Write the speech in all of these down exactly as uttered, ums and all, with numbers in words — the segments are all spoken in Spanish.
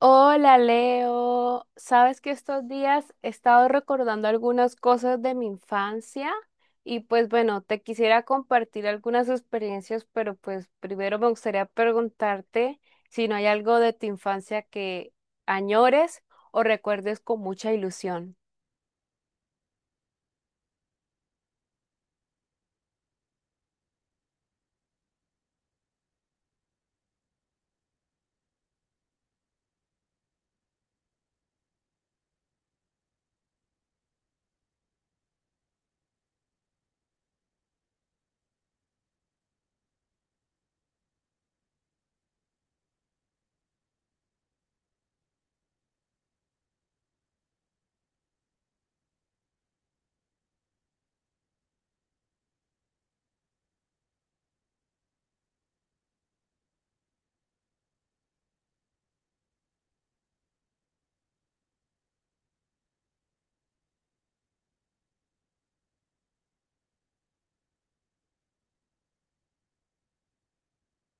Hola Leo, sabes que estos días he estado recordando algunas cosas de mi infancia y pues bueno, te quisiera compartir algunas experiencias, pero pues primero me gustaría preguntarte si no hay algo de tu infancia que añores o recuerdes con mucha ilusión.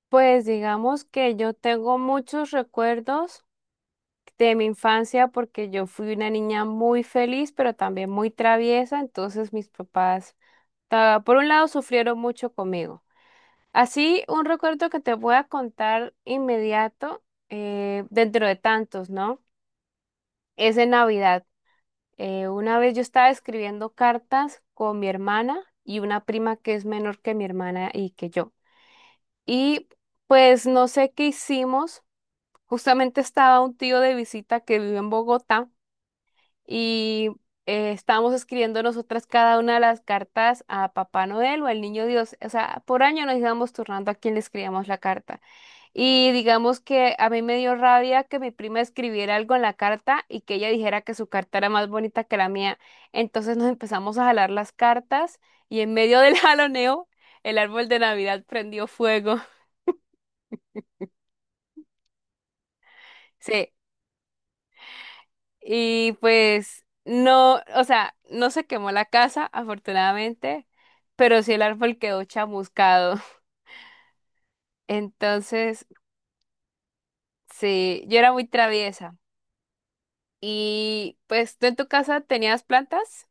Pues digamos que yo tengo muchos recuerdos de mi infancia porque yo fui una niña muy feliz, pero también muy traviesa, entonces mis papás ta- por un lado, sufrieron mucho conmigo. Así, un recuerdo que te voy a contar inmediato, eh, dentro de tantos, ¿no? Es en Navidad. Eh, una vez yo estaba escribiendo cartas con mi hermana y una prima que es menor que mi hermana y que yo. Y pues no sé qué hicimos. Justamente estaba un tío de visita que vive en Bogotá. Y eh, estábamos escribiendo nosotras cada una de las cartas a Papá Noel o al Niño Dios. O sea, por año nos íbamos turnando a quién le escribíamos la carta. Y digamos que a mí me dio rabia que mi prima escribiera algo en la carta y que ella dijera que su carta era más bonita que la mía. Entonces nos empezamos a jalar las cartas y en medio del jaloneo, el árbol de Navidad prendió fuego. Sí, y pues no, o sea, no se quemó la casa, afortunadamente, pero sí el árbol quedó chamuscado. Entonces, sí, yo era muy traviesa. Y pues, ¿tú en tu casa tenías plantas?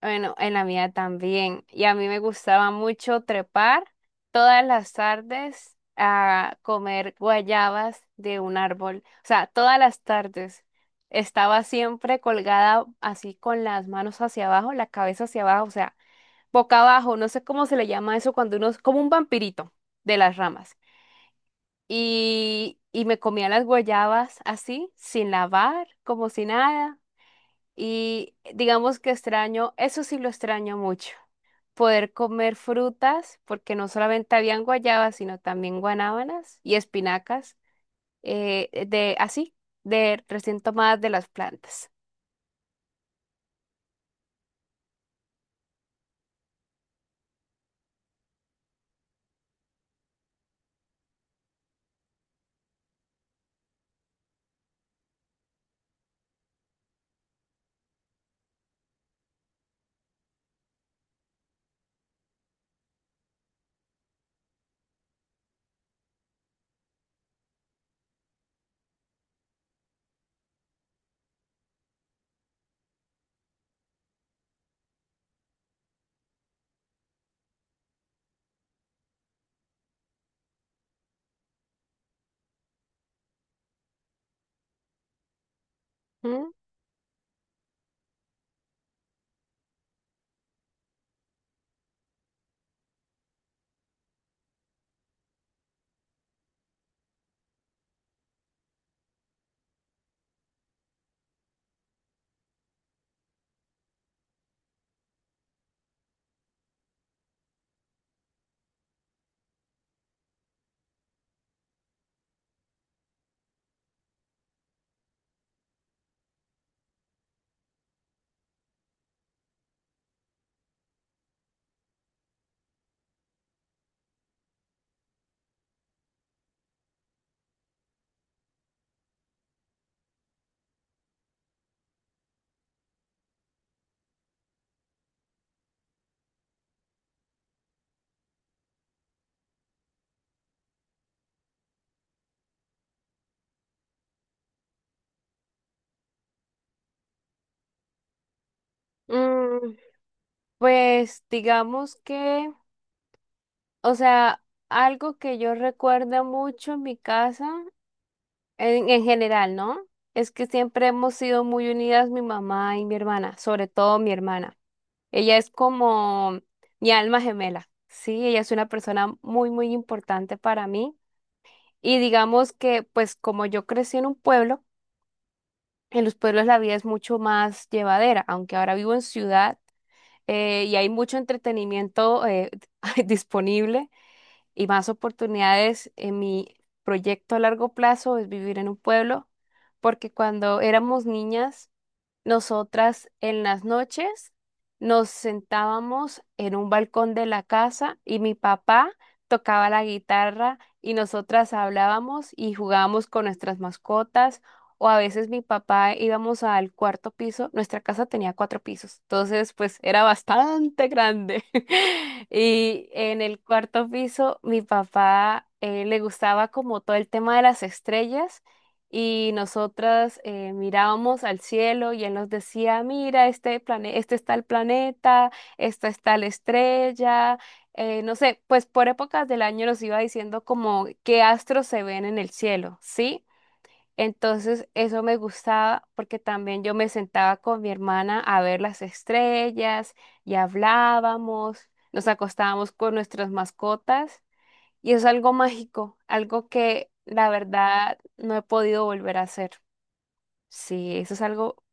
Bueno, en la mía también. Y a mí me gustaba mucho trepar todas las tardes a comer guayabas de un árbol. O sea, todas las tardes estaba siempre colgada así con las manos hacia abajo, la cabeza hacia abajo, o sea, boca abajo. No sé cómo se le llama eso cuando uno es como un vampirito de las ramas. Y, y me comía las guayabas así, sin lavar, como si nada. Y digamos que extraño, eso sí lo extraño mucho poder comer frutas, porque no solamente habían guayabas, sino también guanábanas y espinacas, eh, eh, de así, de recién tomadas de las plantas. ¿Mm? Mm, pues digamos que, o sea, algo que yo recuerdo mucho en mi casa, en, en general, ¿no? Es que siempre hemos sido muy unidas mi mamá y mi hermana, sobre todo mi hermana. Ella es como mi alma gemela, sí, ella es una persona muy, muy importante para mí. Y digamos que, pues como yo crecí en un pueblo, en los pueblos la vida es mucho más llevadera, aunque ahora vivo en ciudad eh, y hay mucho entretenimiento eh, disponible y más oportunidades. En mi proyecto a largo plazo es vivir en un pueblo, porque cuando éramos niñas nosotras en las noches nos sentábamos en un balcón de la casa y mi papá tocaba la guitarra y nosotras hablábamos y jugábamos con nuestras mascotas o a veces mi papá íbamos al cuarto piso. Nuestra casa tenía cuatro pisos, entonces pues era bastante grande. Y en el cuarto piso mi papá eh, le gustaba como todo el tema de las estrellas y nosotras eh, mirábamos al cielo y él nos decía, mira, este plane este está el planeta, esta está la estrella, eh, no sé, pues por épocas del año nos iba diciendo como qué astros se ven en el cielo, ¿sí? Entonces eso me gustaba porque también yo me sentaba con mi hermana a ver las estrellas y hablábamos, nos acostábamos con nuestras mascotas. Y es algo mágico, algo que la verdad no he podido volver a hacer. Sí, eso es algo,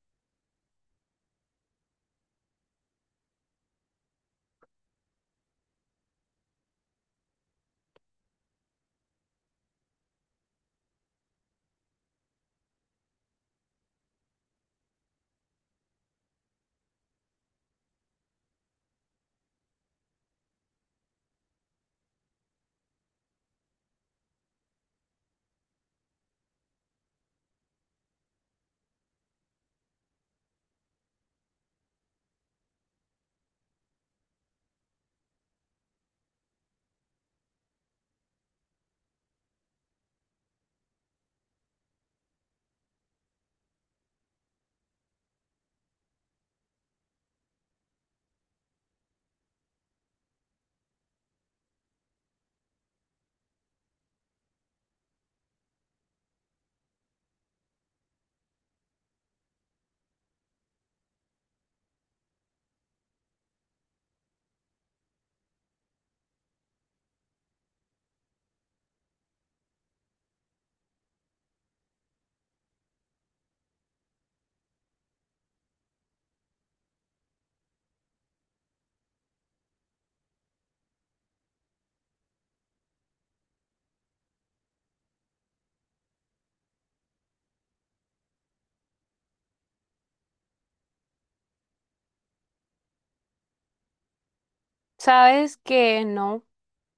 sabes que no,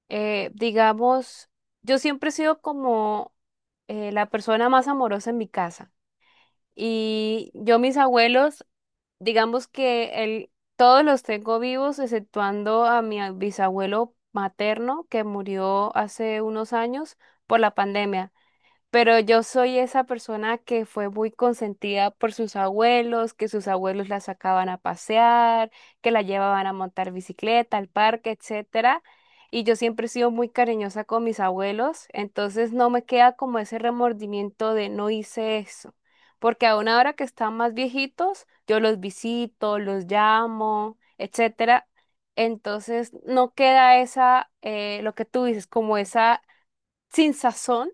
eh, digamos, yo siempre he sido como eh, la persona más amorosa en mi casa. Y yo, mis abuelos, digamos que el- todos los tengo vivos, exceptuando a mi bisabuelo materno que murió hace unos años por la pandemia. Pero yo soy esa persona que fue muy consentida por sus abuelos, que sus abuelos la sacaban a pasear, que la llevaban a montar bicicleta, al parque, etcétera. Y yo siempre he sido muy cariñosa con mis abuelos, entonces no me queda como ese remordimiento de no hice eso. Porque aún ahora que están más viejitos, yo los visito, los llamo, etcétera. Entonces no queda esa, eh, lo que tú dices, como esa sin sazón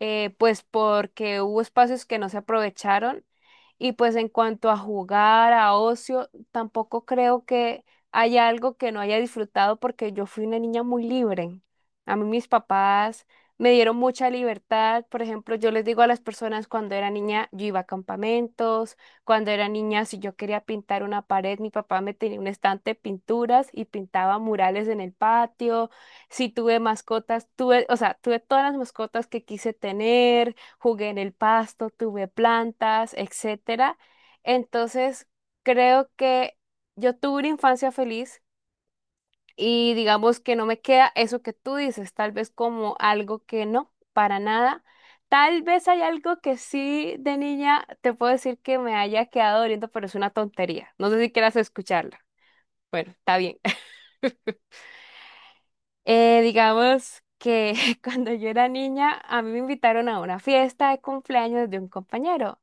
eh, pues porque hubo espacios que no se aprovecharon. Y pues en cuanto a jugar, a ocio, tampoco creo que haya algo que no haya disfrutado porque yo fui una niña muy libre. A mí mis papás me dieron mucha libertad. Por ejemplo, yo les digo a las personas cuando era niña, yo iba a campamentos, cuando era niña, si yo quería pintar una pared, mi papá me tenía un estante de pinturas y pintaba murales en el patio. Sí, tuve mascotas, tuve, o sea, tuve todas las mascotas que quise tener, jugué en el pasto, tuve plantas, etcétera. Entonces, creo que yo tuve una infancia feliz y digamos que no me queda eso que tú dices, tal vez como algo que no, para nada. Tal vez hay algo que sí de niña te puedo decir que me haya quedado doliendo, pero es una tontería. No sé si quieras escucharla. Bueno, está bien. Eh, digamos que cuando yo era niña, a mí me invitaron a una fiesta de cumpleaños de un compañero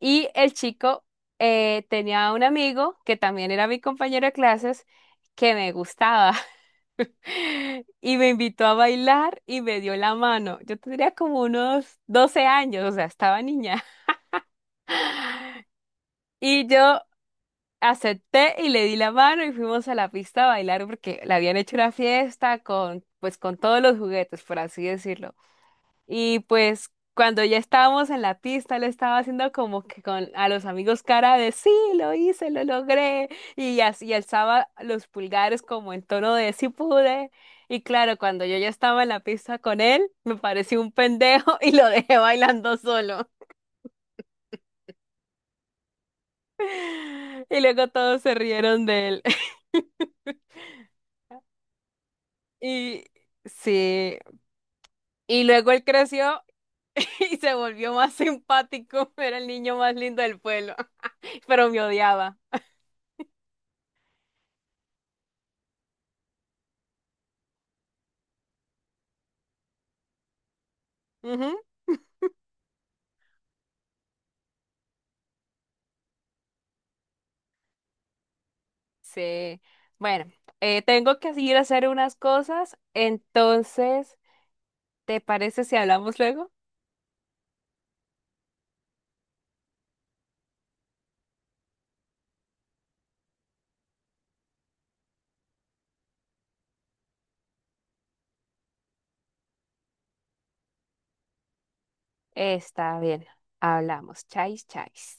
y el chico eh, tenía un amigo que también era mi compañero de clases que me gustaba y me invitó a bailar y me dio la mano. Yo tendría como unos doce años, o sea, estaba niña. Y yo acepté y le di la mano y fuimos a la pista a bailar porque le habían hecho una fiesta con, pues, con todos los juguetes, por así decirlo. Y pues cuando ya estábamos en la pista, lo estaba haciendo como que con a los amigos cara de sí, lo hice, lo logré. Y así alzaba los pulgares como en tono de sí pude. Y claro, cuando yo ya estaba en la pista con él, me pareció un pendejo y lo dejé bailando solo. Y luego todos se rieron de él. Y sí, y luego él creció y se volvió más simpático. Era el niño más lindo del pueblo, pero me odiaba. Ujú. Sí. Bueno, eh, tengo que ir a hacer unas cosas, entonces, ¿te parece si hablamos luego? Está bien, hablamos. Chais, chais.